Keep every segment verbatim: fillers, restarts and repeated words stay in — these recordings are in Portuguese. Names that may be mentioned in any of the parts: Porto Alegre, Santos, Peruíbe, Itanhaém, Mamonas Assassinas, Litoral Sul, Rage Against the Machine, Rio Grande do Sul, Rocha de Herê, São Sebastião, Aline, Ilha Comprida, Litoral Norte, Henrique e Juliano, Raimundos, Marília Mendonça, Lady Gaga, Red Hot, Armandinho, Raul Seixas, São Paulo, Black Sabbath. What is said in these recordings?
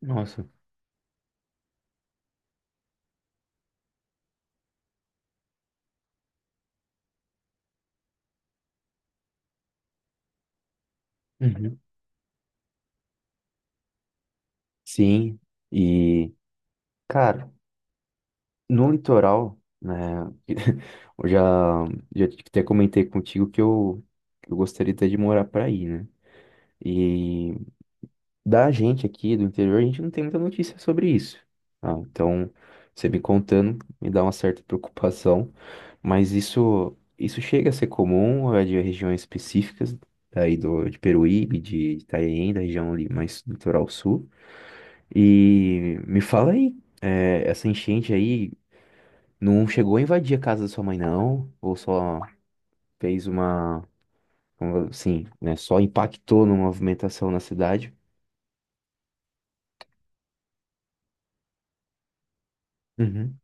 Nossa. Uhum. Sim. E, cara, no litoral, né? Eu já, já até comentei contigo que eu, que eu gostaria até de morar pra aí, né? E da gente aqui do interior, a gente não tem muita notícia sobre isso. Ah, então, você me contando, me dá uma certa preocupação, mas isso, isso chega a ser comum, é de regiões específicas, aí do, de Peruíbe, de Itanhaém, da região ali mais do litoral sul. E me fala aí, é, essa enchente aí não chegou a invadir a casa da sua mãe, não? Ou só fez uma, como assim, né? Só impactou na movimentação na cidade? Uhum.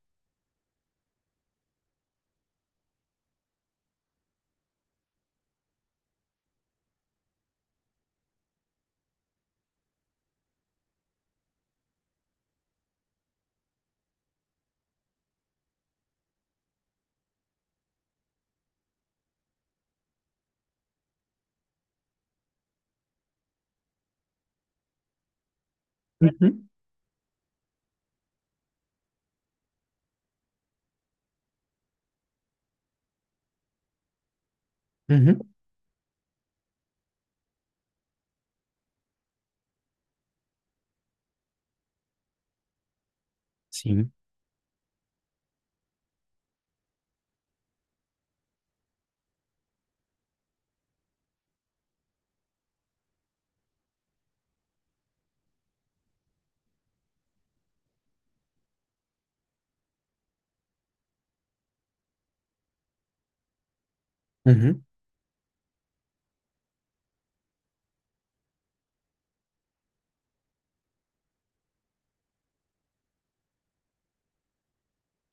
Uhum. Uhum. Sim. Uhum.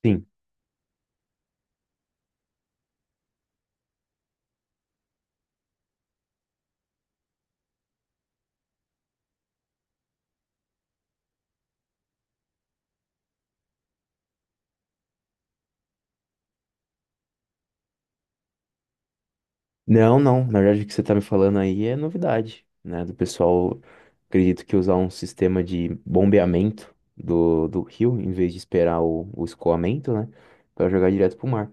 Sim. Não, não. Na verdade, o que você tá me falando aí é novidade, né? Do pessoal, acredito que usar um sistema de bombeamento do, do rio, em vez de esperar o, o escoamento, né? Pra jogar direto pro mar.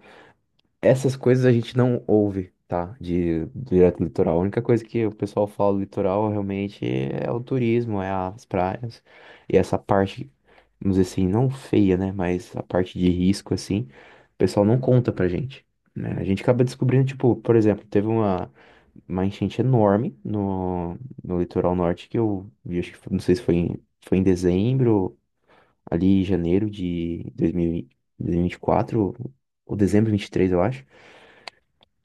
Essas coisas a gente não ouve, tá? De direto do litoral. A única coisa que o pessoal fala do litoral realmente é o turismo, é as praias. E essa parte, vamos dizer assim, não feia, né? Mas a parte de risco, assim, o pessoal não conta pra gente. Né? A gente acaba descobrindo, tipo, por exemplo, teve uma, uma enchente enorme no, no litoral norte que eu vi, acho que foi- não sei se foi em, foi em dezembro, ali em janeiro de dois mil e vinte e quatro ou dezembro de vinte e três, eu acho.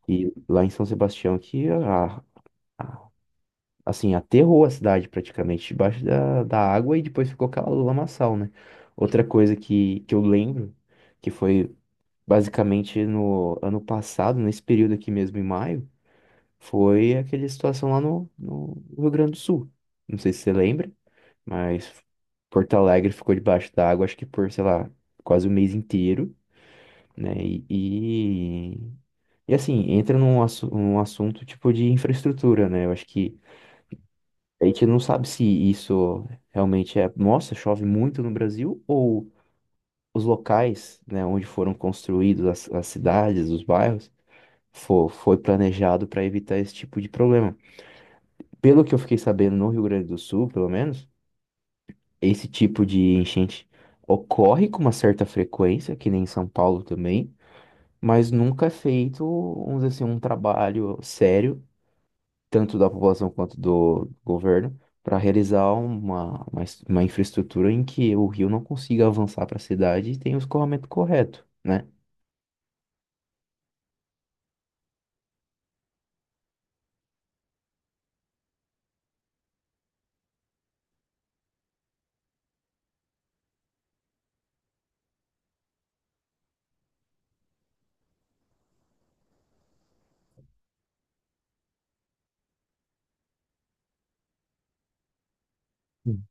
E lá em São Sebastião que a, a- assim, aterrou a cidade praticamente debaixo da, da água e depois ficou aquela lamaçal, né? Outra coisa que, que eu lembro, que foi basicamente no ano passado, nesse período aqui mesmo em maio, foi aquela situação lá no, no Rio Grande do Sul. Não sei se você lembra, mas Porto Alegre ficou debaixo da água, acho que por, sei lá, quase o mês inteiro, né? E, e assim, entra num, assu- num assunto tipo de infraestrutura, né? Eu acho que a gente não sabe se isso realmente é, nossa, chove muito no Brasil, ou os locais, né, onde foram construídos as, as cidades, os bairros, fo- foi planejado para evitar esse tipo de problema. Pelo que eu fiquei sabendo no Rio Grande do Sul, pelo menos, esse tipo de enchente ocorre com uma certa frequência, que nem em São Paulo também, mas nunca é feito, vamos dizer assim, um trabalho sério tanto da população quanto do governo, para realizar uma, uma, es- uma infraestrutura em que o rio não consiga avançar para a cidade e tenha o escoamento correto, né? Hum.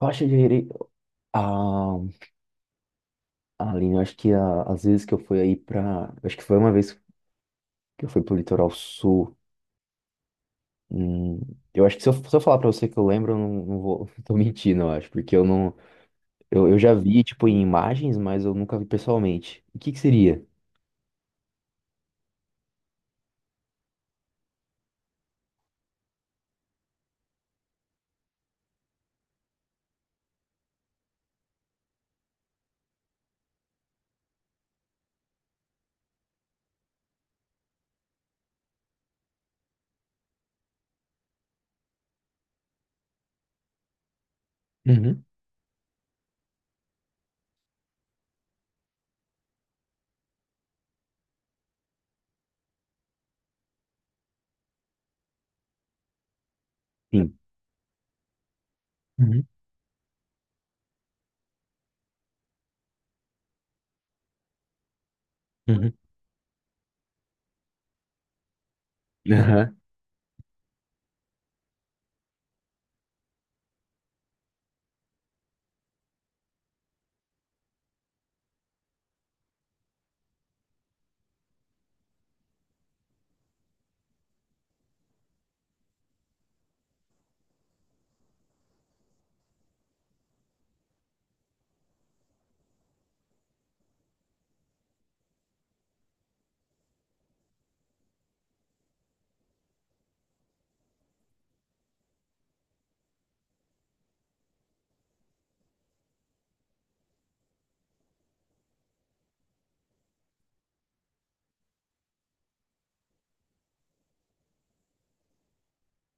Rocha de Herê, ah, Aline, eu acho que a- às vezes que eu fui aí para, acho que foi uma vez que eu fui pro litoral sul, hum, eu acho que se eu, se eu falar para você que eu lembro, eu não, não vou, tô mentindo, eu acho, porque eu não, eu, eu já vi, tipo, em imagens, mas eu nunca vi pessoalmente. O que que seria? Uhum. Sim. Uhum. Uhum.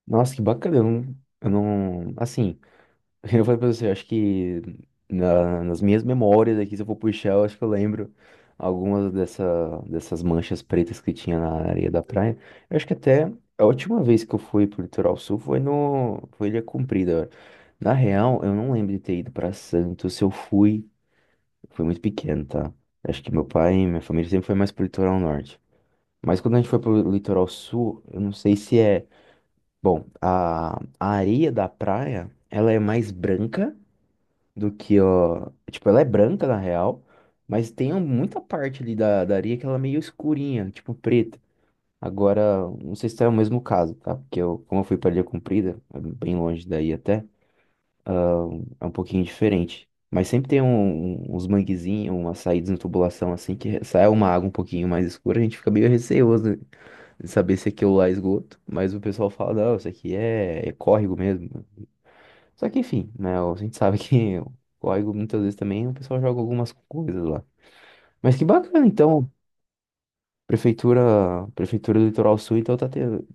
Nossa, que bacana. Eu não, eu não, assim, eu falei pra você, eu acho que na- nas minhas memórias aqui, se eu for puxar, eu acho que eu lembro algumas dessa, dessas manchas pretas que tinha na areia da praia. Eu acho que até a última vez que eu fui pro Litoral Sul foi no, foi Ilha Comprida. Na real, eu não lembro de ter ido pra Santos. Se eu fui, foi muito pequeno, tá? Acho que meu pai e minha família sempre foi mais pro Litoral Norte. Mas quando a gente foi pro Litoral Sul, eu não sei se é. Bom, a, a areia da praia, ela é mais branca do que, ó. Tipo, ela é branca na real, mas tem um, muita parte ali da, da areia que ela é meio escurinha, tipo preta. Agora, não sei se é o mesmo caso, tá? Porque eu, como eu fui pra Ilha Comprida, é bem longe daí até, é um pouquinho diferente. Mas sempre tem um- um, uns manguezinhos, umas saídas em tubulação assim, que sai uma água um pouquinho mais escura, a gente fica meio receoso de saber se aquilo lá é esgoto. Mas o pessoal fala, não, isso aqui é, é córrego mesmo. Só que, enfim, né? A gente sabe que o código muitas vezes também o pessoal joga algumas coisas lá. Mas que bacana, então, prefeitura, prefeitura do Litoral Sul, então tá tendo.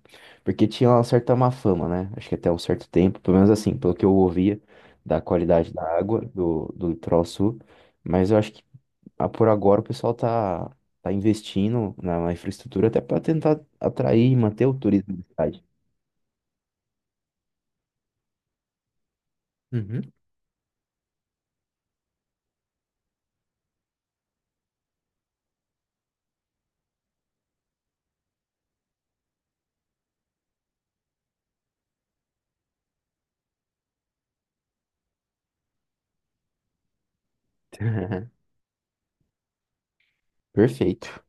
Porque tinha uma certa má fama, né? Acho que até um certo tempo, pelo menos assim, pelo que eu ouvia da qualidade da água do, do Litoral Sul. Mas eu acho que ah, por agora o pessoal tá, tá investindo na, na infraestrutura até para tentar atrair e manter o turismo da cidade. Uhum. Perfeito.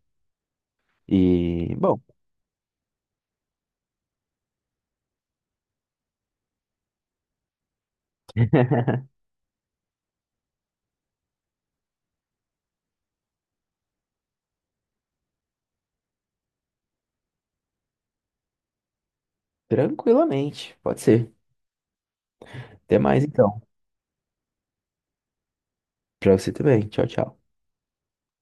E, bom. Tranquilamente, pode ser. Até mais então. Pra você também. Tchau, tchau.